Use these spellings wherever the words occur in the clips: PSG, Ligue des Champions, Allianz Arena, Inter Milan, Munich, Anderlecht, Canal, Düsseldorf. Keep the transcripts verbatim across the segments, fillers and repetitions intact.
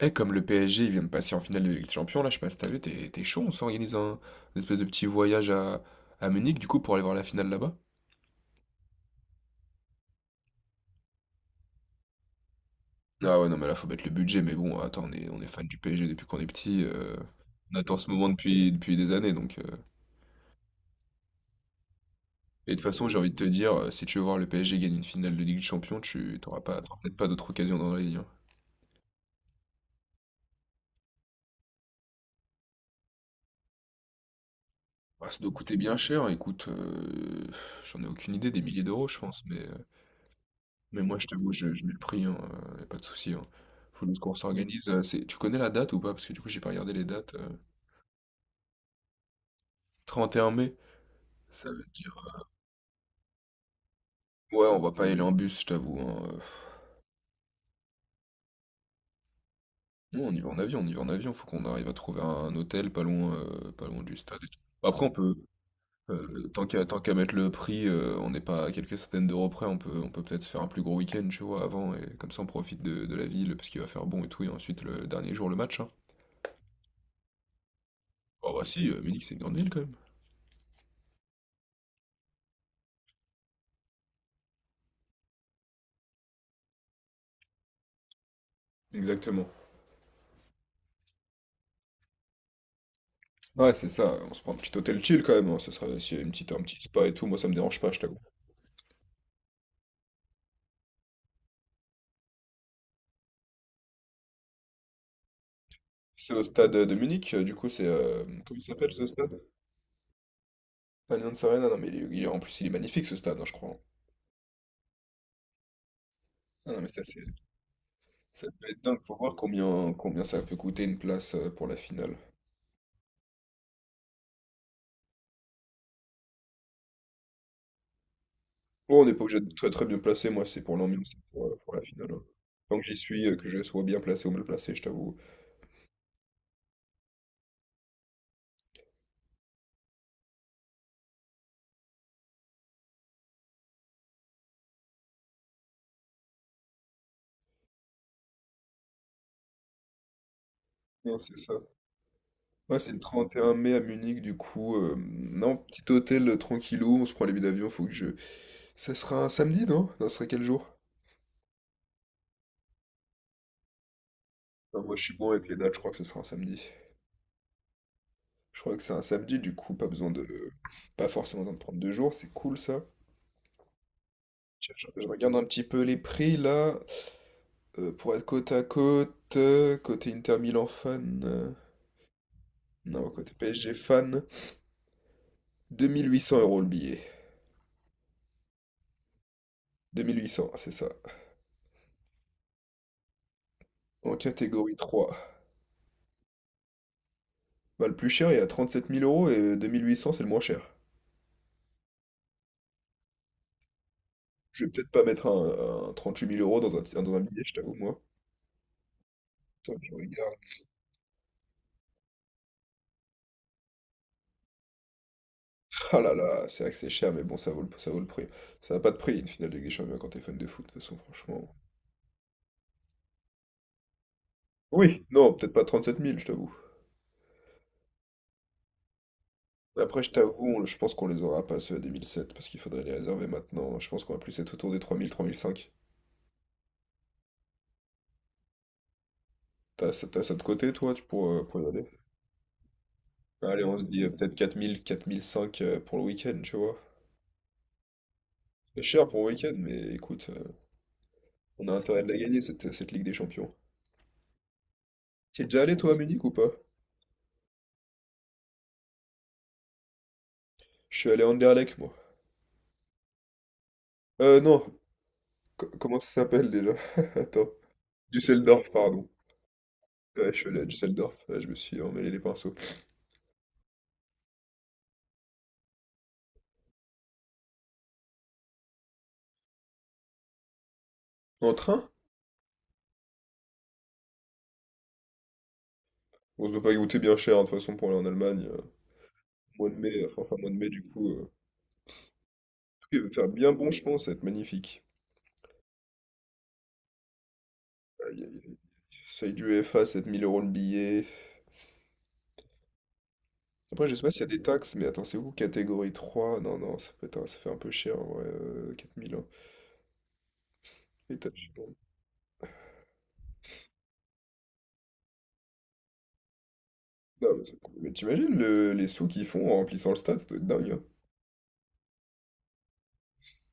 Eh, comme le P S G il vient de passer en finale de Ligue des Champions, là, je sais pas si t'as vu, t'es t'es chaud, on s'organise un une espèce de petit voyage à, à Munich, du coup, pour aller voir la finale là-bas? Ah ouais, non, mais là, faut mettre le budget, mais bon, attends, on est, on est fan du P S G depuis qu'on est petit, euh, on attend ce moment depuis, depuis des années, donc... euh. Et de toute façon, j'ai envie de te dire, euh, si tu veux voir le P S G gagner une finale de Ligue des Champions, tu t'auras pas, t'auras peut-être pas d'autre occasion dans la vie, hein. Ah, ça doit coûter bien cher, écoute, euh, j'en ai aucune idée, des milliers d'euros, je pense, mais... Mais moi, je t'avoue, je, je mets le prix, hein, euh, y a pas de souci. Hein. Faut juste qu'on s'organise. Euh, c'est... Tu connais la date ou pas? Parce que du coup, j'ai pas regardé les dates. euh. Trente et un mai, ça veut dire. Ouais, on va pas y aller en bus, je t'avoue. Hein, euh. Non, on y va en avion, on y va en avion. Faut qu'on arrive à trouver un, un hôtel pas loin, euh, pas loin du stade et tout. Après, on peut. euh, tant qu'à tant qu'à mettre le prix, euh, on n'est pas à quelques centaines d'euros près, on peut on peut peut-être faire un plus gros week-end, tu vois, avant, et comme ça on profite de, de la ville, parce qu'il va faire bon et tout, et ensuite le dernier jour le match. Hein. Bah, bah si, euh, Munich c'est une grande ville quand même. Exactement. Ouais, c'est ça. On se prend un petit hôtel chill quand même. Hein. Ce serait s'il y a une petite, un petit spa et tout. Moi, ça me dérange pas, je t'avoue. C'est au stade de Munich, euh, du coup, c'est. Euh, comment il s'appelle ce stade? Allianz Arena. Non, mais il est- il est- en plus, il est magnifique ce stade, hein, je crois. Ah, non, mais ça, c'est, ça peut être dingue. Faut voir combien, combien ça peut coûter une place euh, pour la finale. Bon, on n'est pas obligé de très très bien placé. Moi, c'est pour l'ambiance, c'est pour, euh, pour la finale. Hein. Tant que j'y suis, euh, que je sois bien placé ou mal placé, je t'avoue. Non, c'est ça. Ouais, c'est le trente et un mai à Munich, du coup. Euh, non, petit hôtel euh, tranquillou, on se prend les billets d'avion, faut que je, ça sera un samedi, non? Non, ce serait quel jour? Non, moi, je suis bon avec les dates, je crois que ce sera un samedi. Je crois que c'est un samedi, du coup, pas besoin de... Pas forcément besoin de prendre deux jours, c'est cool, ça. Je, je- je regarde un petit peu les prix, là, euh, pour être côte à côte, euh, côté Inter Milan fan, euh, non, côté P S G fan, deux mille huit cents euros le billet. Deux mille huit cents, ah, c'est ça. En catégorie trois. Bah, le plus cher est à sept mille euros et deux mille huit cents c'est le moins cher. Je vais peut-être pas mettre un, un huit mille euros dans un, dans un billet, je t'avoue, moi. Attends, je regarde. Ah là là, c'est vrai que c'est cher, mais bon, ça vaut le, ça vaut le prix. Ça n'a pas de prix, une finale de Ligue des Champions quand t'es fan de foot, de toute façon, franchement. Oui, non, peut-être pas trente-sept mille, je t'avoue. Après, je t'avoue, on- je pense qu'on les aura pas ceux à deux mille sept, parce qu'il faudrait les réserver maintenant. Je pense qu'on va plus être autour des trois mille, trois mille cinq. T'as, ça- t'as ça de côté, toi, tu pour, euh, pour y aller? Allez, on se dit euh, peut-être quatre mille, quatre mille cinq euh, pour le week-end, tu vois. C'est cher pour le week-end, mais écoute, euh, on a intérêt de la gagner, cette, cette Ligue des Champions. T'y es déjà allé, toi, à Munich ou pas? Je suis allé à Anderlecht, moi. Euh, non, co- comment ça s'appelle déjà? Attends. Düsseldorf, pardon. Ouais, je suis allé à Düsseldorf. Ouais, je me suis emmêlé les pinceaux. En train? On se doit pas y goûter bien cher, hein, de toute façon, pour aller en Allemagne. Euh, mois de mai, enfin, fin mois de mai, du coup. euh. Il va faire bien bon, je pense, ça va être magnifique. Aïe, aïe, aïe. Seuil du F A, sept mille euros le billet. Après, je sais pas s'il y a des taxes, mais attends, c'est où catégorie trois. Non, non, ça fait, attends, ça fait un peu cher, en vrai, euh, quatre mille. Hein. Les taxes, je sais pas. Non, mais, ça- mais t'imagines le- les sous qu'ils font en remplissant le stade, ça doit être dingue. Hein.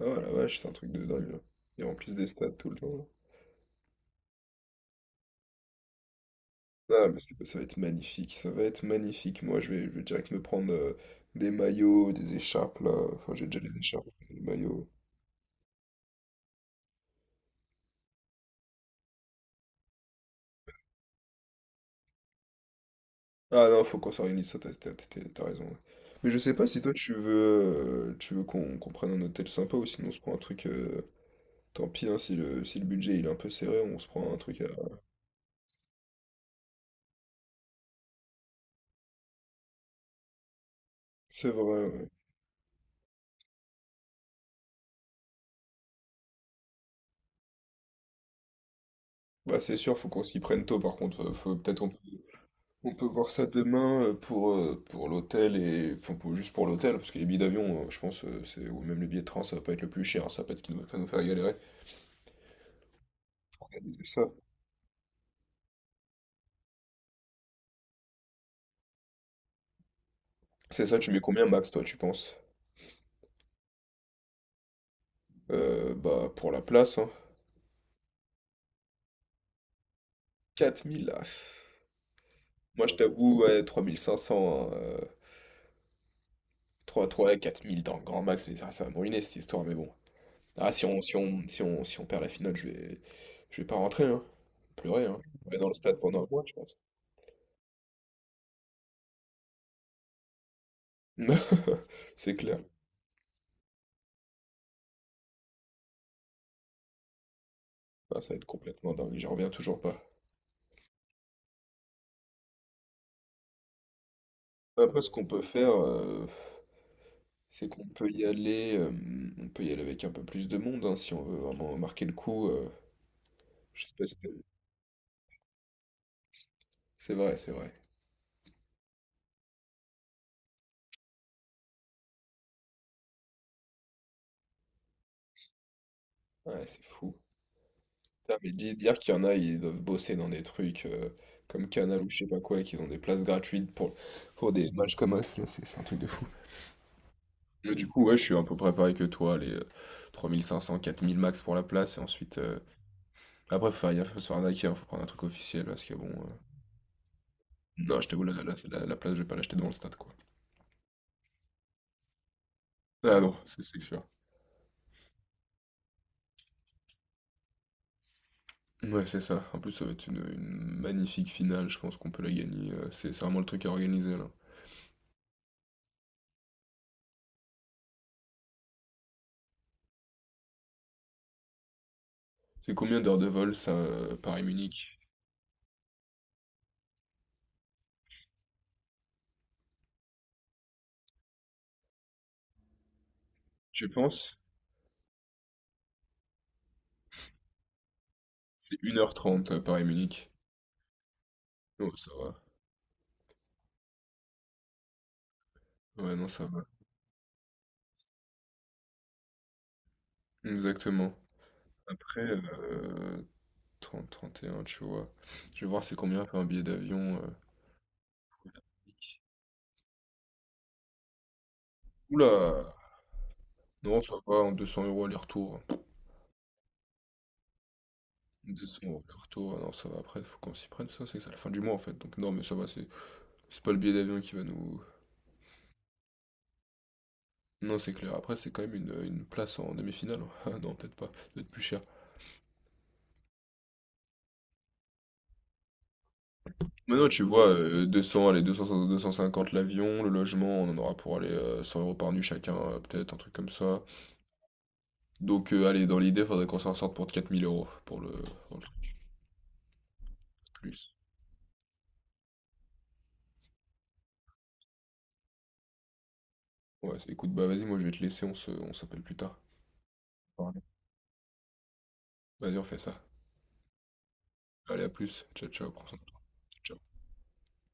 Ah la vache, c'est un truc de dingue. Là. Ils remplissent des stades tout le temps. Ah, mais c'est- ça va être magnifique, ça va être magnifique. Moi, je vais, je vais direct me prendre euh, des maillots, des écharpes, là. Enfin, j'ai déjà les écharpes, les maillots. Ah non, faut qu'on s'organise, ça, t'as t'as- t'as- t'as raison. Ouais. Mais je sais pas si toi, tu veux, euh, tu veux qu'on qu'on prenne un hôtel sympa ou sinon on se prend un truc... euh, Tant pis, hein, si le, si le budget il est un peu serré, on se prend un truc à... C'est vrai, ouais. Bah, c'est sûr, faut qu'on s'y prenne tôt, par contre. Euh, Faut peut-être on peut On peut voir ça demain euh, pour, euh, pour l'hôtel et enfin, pour- juste pour l'hôtel, parce que les billets d'avion, euh, je pense, euh, c'est ou même les billets de train, ça va pas être le plus cher, hein, ça va pas être ce qui nous- va nous faire galérer. C'est ça. C'est ça, tu mets combien max, toi, tu penses? Euh, bah, pour la place, hein. quatre mille, là. Moi, je t'avoue, ouais, trois mille cinq cents, hein, euh, trois, trois, quatre mille dans le grand max, mais ça, ça va me ruiner cette histoire, mais bon. Ah, si on, si on, si on, si on perd la finale, je vais, je vais pas rentrer, hein. Pleurer, hein. Je vais dans le stade pendant un mois, je pense. C'est clair. Ah, ça va être complètement dingue, j'y reviens toujours pas. Après, ce qu'on peut faire, euh, c'est qu'on peut y aller, euh, on peut y aller avec un peu plus de monde, hein, si on veut vraiment marquer le coup. Euh, je sais pas si t'as vu. C'est vrai, c'est vrai. Ouais, c'est fou. Putain, mais di- dire qu'il y en a, ils doivent bosser dans des trucs euh, comme Canal ou je sais pas quoi, et qu'ils ont des places gratuites pour, pour des matchs comme us, là, c'est c'est un truc de fou. Mais du coup, ouais, je suis un peu préparé que toi, les euh, trois mille cinq cents, quatre mille max pour la place, et ensuite... euh, Après, faut faire gaffe, faut se faire arnaquer, hein, faut prendre un truc officiel, parce que bon... euh, Non, je t'avoue, la, la, la- la place, je vais pas l'acheter dans le stade, quoi. Ah non, c'est c'est sûr. Ouais, c'est ça. En plus, ça va être une, une magnifique finale, je pense qu'on peut la gagner. euh, C'est c'est vraiment le truc à organiser, là. C'est combien d'heures de vol, ça, euh, Paris-Munich? Je pense, c'est une heure trente, Paris-Munich. Oh, ça va. Ouais, non, ça va. Exactement. Après, euh, trente, trente et un, tu vois. Je vais voir c'est combien fait un billet d'avion. euh. Oula! Non, ça va, en deux cents euros aller-retour. Deux cents au retour, ah non, ça va après, faut qu'on s'y prenne, ça, c'est que c'est à la fin du mois en fait. Donc, non, mais ça va, c'est c'est pas le billet d'avion qui va nous. Non, c'est clair. Après, c'est quand même une, une place en demi-finale. Ah non, peut-être pas, ça doit être plus cher. Maintenant, tu vois, euh, deux cents allez, deux cents, deux cent cinquante l'avion, le logement, on en aura pour aller euh, cent euros par nuit chacun, euh, peut-être, un truc comme ça. Donc, euh, allez, dans l'idée, faudrait qu'on s'en sorte pour quatre mille euros pour le, pour le truc plus. Ouais, c'est- écoute, bah vas-y, moi je vais te laisser, on se, on s'appelle plus tard. Parler. Vas-y, on fait ça. Allez, à plus. Ciao, ciao, prends soin de toi. Ciao.